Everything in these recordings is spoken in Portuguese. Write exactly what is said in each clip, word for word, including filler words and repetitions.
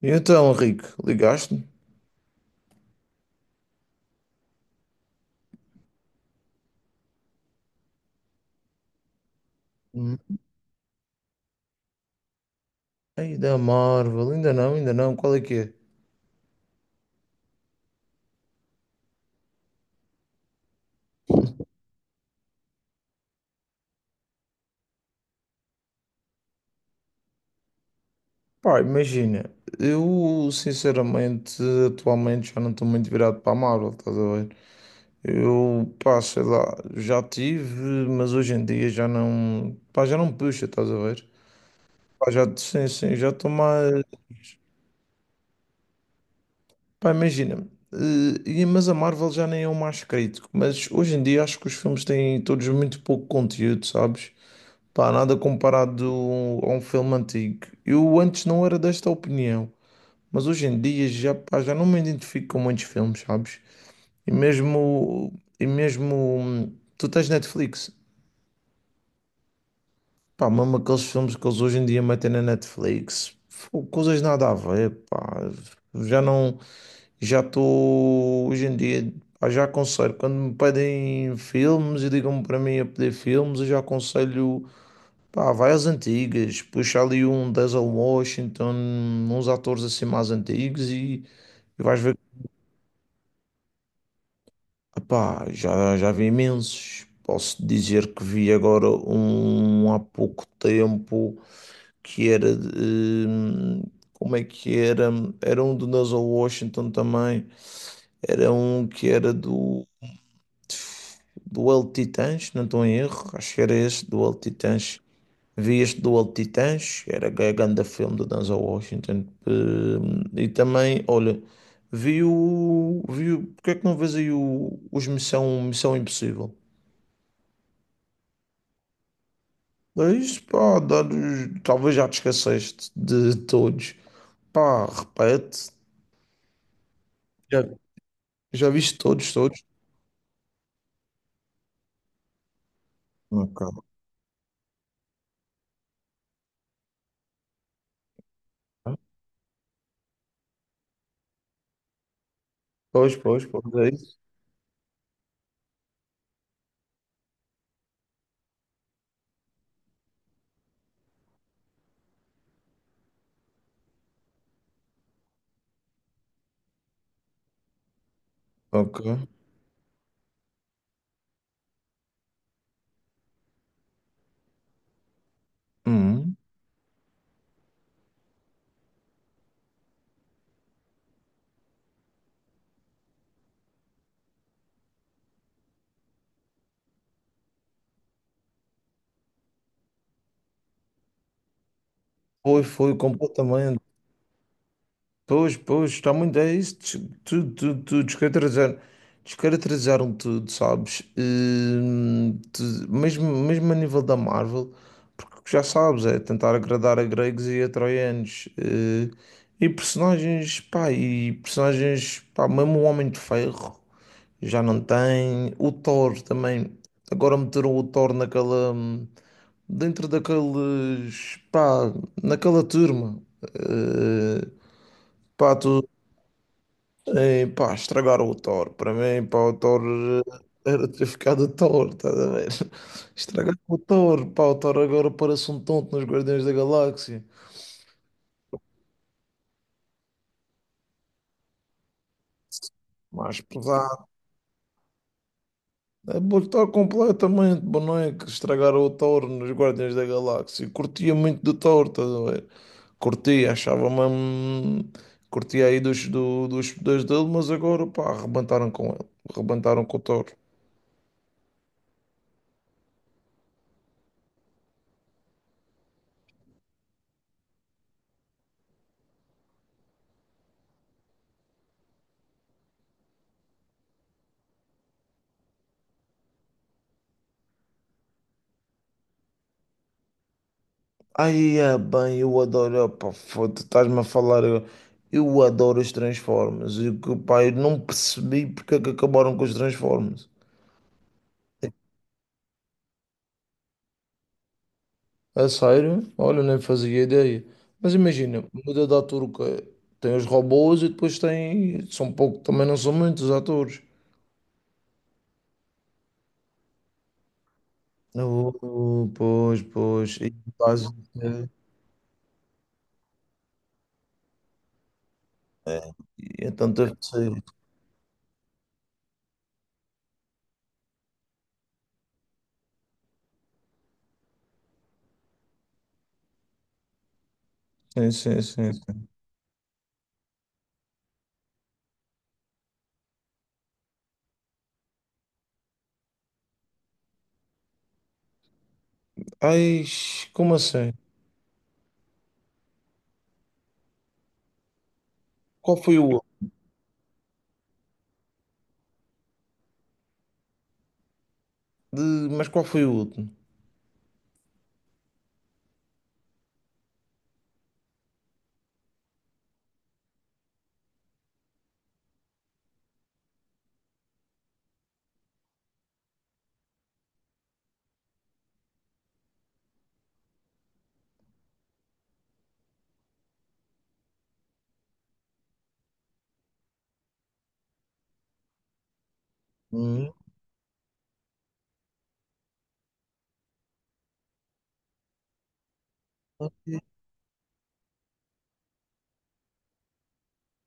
E então, Henrique, ligaste-me? Hum. Ei, da Marvel, ainda não, ainda não, qual é que é? Pá, imagina, eu sinceramente, atualmente já não estou muito virado para a Marvel, estás a ver? Eu, pá, sei lá, já tive, mas hoje em dia já não, pá, já não me puxa, estás a ver? Pá, já, sim, sim, já estou mais, pá, imagina, eh, e- mas a Marvel já nem é o mais crítico, mas hoje em dia acho que os filmes têm todos muito pouco conteúdo, sabes? Pá, nada comparado a um filme antigo. Eu antes não era desta opinião, mas hoje em dia já, pá, já não me identifico com muitos filmes, sabes? E mesmo, e mesmo hum, tu tens Netflix, pá, mesmo aqueles filmes que eles hoje em dia metem na Netflix, fô, coisas nada a ver, pá. Já não, já estou hoje em dia, pá, já aconselho. Quando me pedem filmes e digam-me para mim a pedir filmes, eu já aconselho. Pá, vai às antigas, puxa ali um Denzel Washington, uns atores assim mais antigos e, e vais ver. Pá, já, já vi imensos. Posso dizer que vi agora um há pouco tempo que era. de, hum, como é que era? Era um do Denzel Washington também. Era um que era do, do El Titãs, não estou em erro. Acho que era esse, do El Titãs. Vi este Duelo de Titãs, era a grande filme do Denzel Washington. eh, E também, olha, vi o. Vi o porque é que não vês aí o, os Missão, Missão Impossível? É isso, pá, dar- talvez já te esqueceste de todos. Pá, repete. Já, já viste todos, todos? Ok. Pois, pois, pois, é isso. Ok. Uhum. Foi, foi completamente. Pois, pois, está muito. É isso, des- tudo, tudo, tudo. Descaracterizaram, descaracterizaram tudo, sabes? Hum, tu- mesmo, mesmo a nível da Marvel, porque já sabes, é tentar agradar a gregos e a troianos. eh, e personagens, pá, e personagens, pá, mesmo o Homem de Ferro já não tem. O Thor também. Agora meteram o Thor naquela. Hum, Dentro daqueles, pá, naquela turma. eh, Pá, tu, eh, pá, estragaram o Thor. Para mim, pá, o Thor eh, era ter ficado o Thor, estás a ver? Estragaram o Thor, pá, o Thor agora parece um tonto nos Guardiões da Galáxia. Mais pesado. É botar completamente boneco, estragaram o Thor nos Guardiões da Galáxia. Curtia muito do Thor, estás a ver? Curtia, achava mesmo. Curtia aí dos, do, dos poderes dele, mas agora, pá, arrebentaram com ele. Arrebentaram com o Thor. Aí é bem, eu adoro, opa, foda, estás-me a falar, eu, eu adoro os Transformers, e que, pá, eu não percebi porque é que acabaram com os Transformers. A sério? Olha, nem fazia ideia. Mas imagina, muda de ator o quê? Tem os robôs e depois tem, são pouco, também não são muitos atores. Oh, oh, pois, pois. E quase- É, é tanta coisa. Sim, sim, sim, sim. Ai, como assim? Qual foi o outro? De- mas qual foi o último?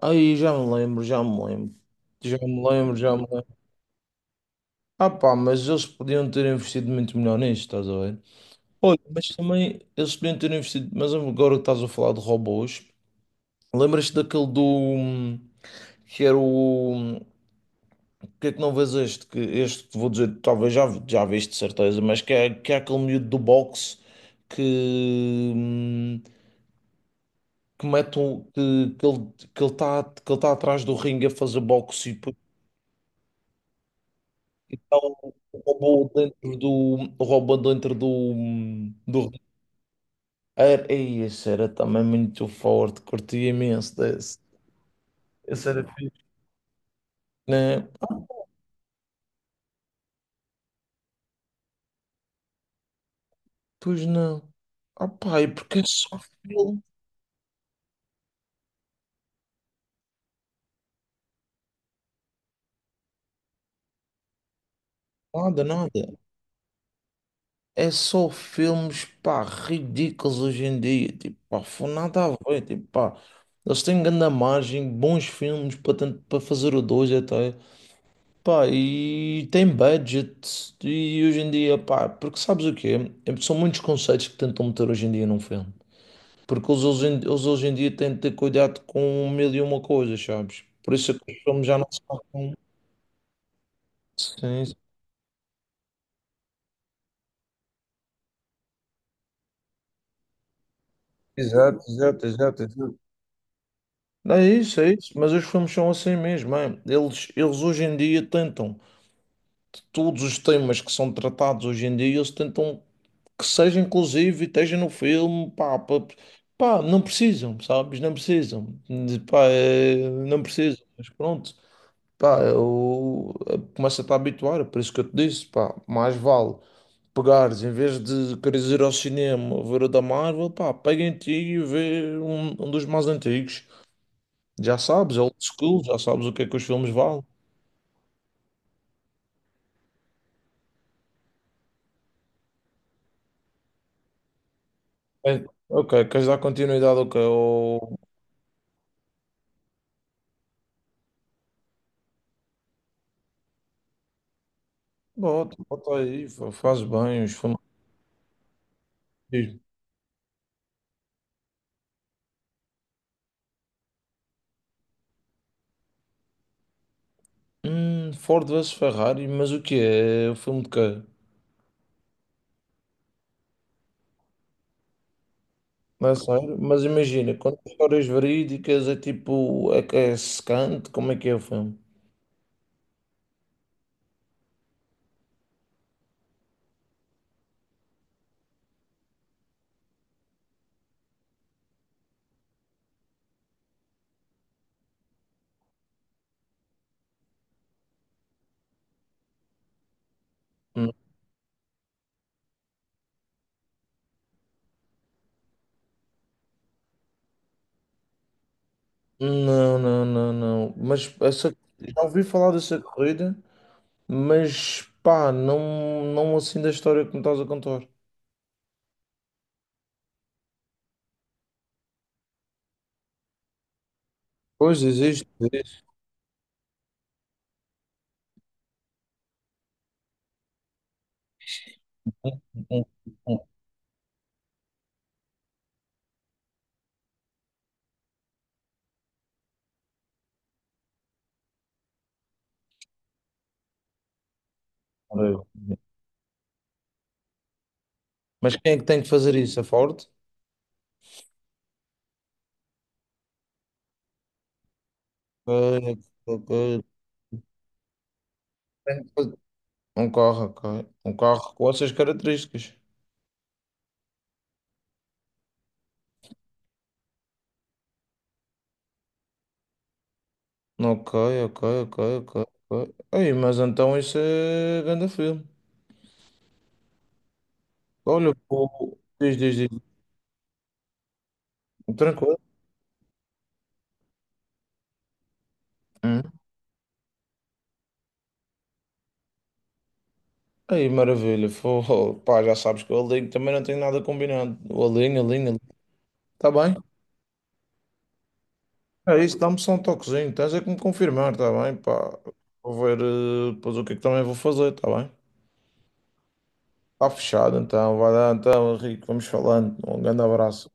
Aí já me lembro, já me lembro. Já me lembro, já me lembro. Ah pá, mas eles podiam ter investido muito melhor nisto, estás a ver? Olha, mas também eles podiam ter investido. Mas agora que estás a falar de robôs, lembras-te daquele do. Hum, que era o. que é que não vês este? Que este que te vou dizer, talvez já, já viste de certeza, mas que é, que é aquele miúdo do boxe que. Hum, que mete um. Que, que ele que ele está que ele tá atrás do ringue a fazer boxe. Então, o robô dentro do, o robô dentro do, do era, ei, esse era também muito forte, curti imenso desse. Esse era fixe. Né? Pois não. Ah, pai, porque é só filme. Nada, nada. É só filmes, pá, ridículos hoje em dia. Tipo, pá, foi nada a ver. Tipo, pá, eles têm grande margem, bons filmes para tent- para fazer o dois até. Pá, e tem budget e hoje em dia, pá, porque sabes o quê? É- São muitos conceitos que tentam meter hoje em dia num filme. Porque eles hoje, em- eles hoje em dia têm de ter cuidado com mil e uma coisas, sabes? Por isso é que os filmes já não são tão... Sim, sim. Exato, exato, exato, exato. É isso, é isso. Mas os filmes são assim mesmo, é. Eles, eles hoje em dia tentam, todos os temas que são tratados hoje em dia, eles tentam que seja inclusive, esteja no filme, pá, pá, pá, não precisam, sabes? Não precisam, pá, é, não precisam, mas pronto, pá, eu eh, começo a te habituar, é por isso que eu te disse, pá, mais vale pegares, em vez de queres ir ao cinema ver o da Marvel, pá, pega em ti e vê um, um dos mais antigos, já sabes, é old school, já sabes o que é que os filmes valem. É, ok, queres dar continuidade ao que eu... Bota, bota aí, fa- faz bem os filmes. Hum, Ford versus Ferrari, mas o que é? O filme de quê? Não é sério? Mas imagina, quando histórias verídicas é tipo, é, que é secante, como é que é o filme? Hum, Não, não, não, não. Mas essa, já ouvi falar dessa corrida, mas pá, não, não assim da história que me estás a contar. Pois existe, existe. um- um- um- mas quem é que tem que fazer isso? A Ford? Ok, ok. Tem que fazer- Um carro, ok. Um carro com essas características. Ok, ok, ok, ok, ok. Ei, mas então isso é grande filme. Olha, pô, diz, diz, diz. Tranquilo. Hum. Aí, maravilha. Fô, pá, já sabes que o Alinho também não tem nada combinado. O Alinho, Alinho, Alinho. Tá bem? É isso, dá-me só um toquezinho. Tens é que me confirmar, tá bem? Pá, vou ver eh, depois o que é que também vou fazer, tá bem? Tá fechado então. Vai lá então, Henrique. Vamos falando. Um grande abraço.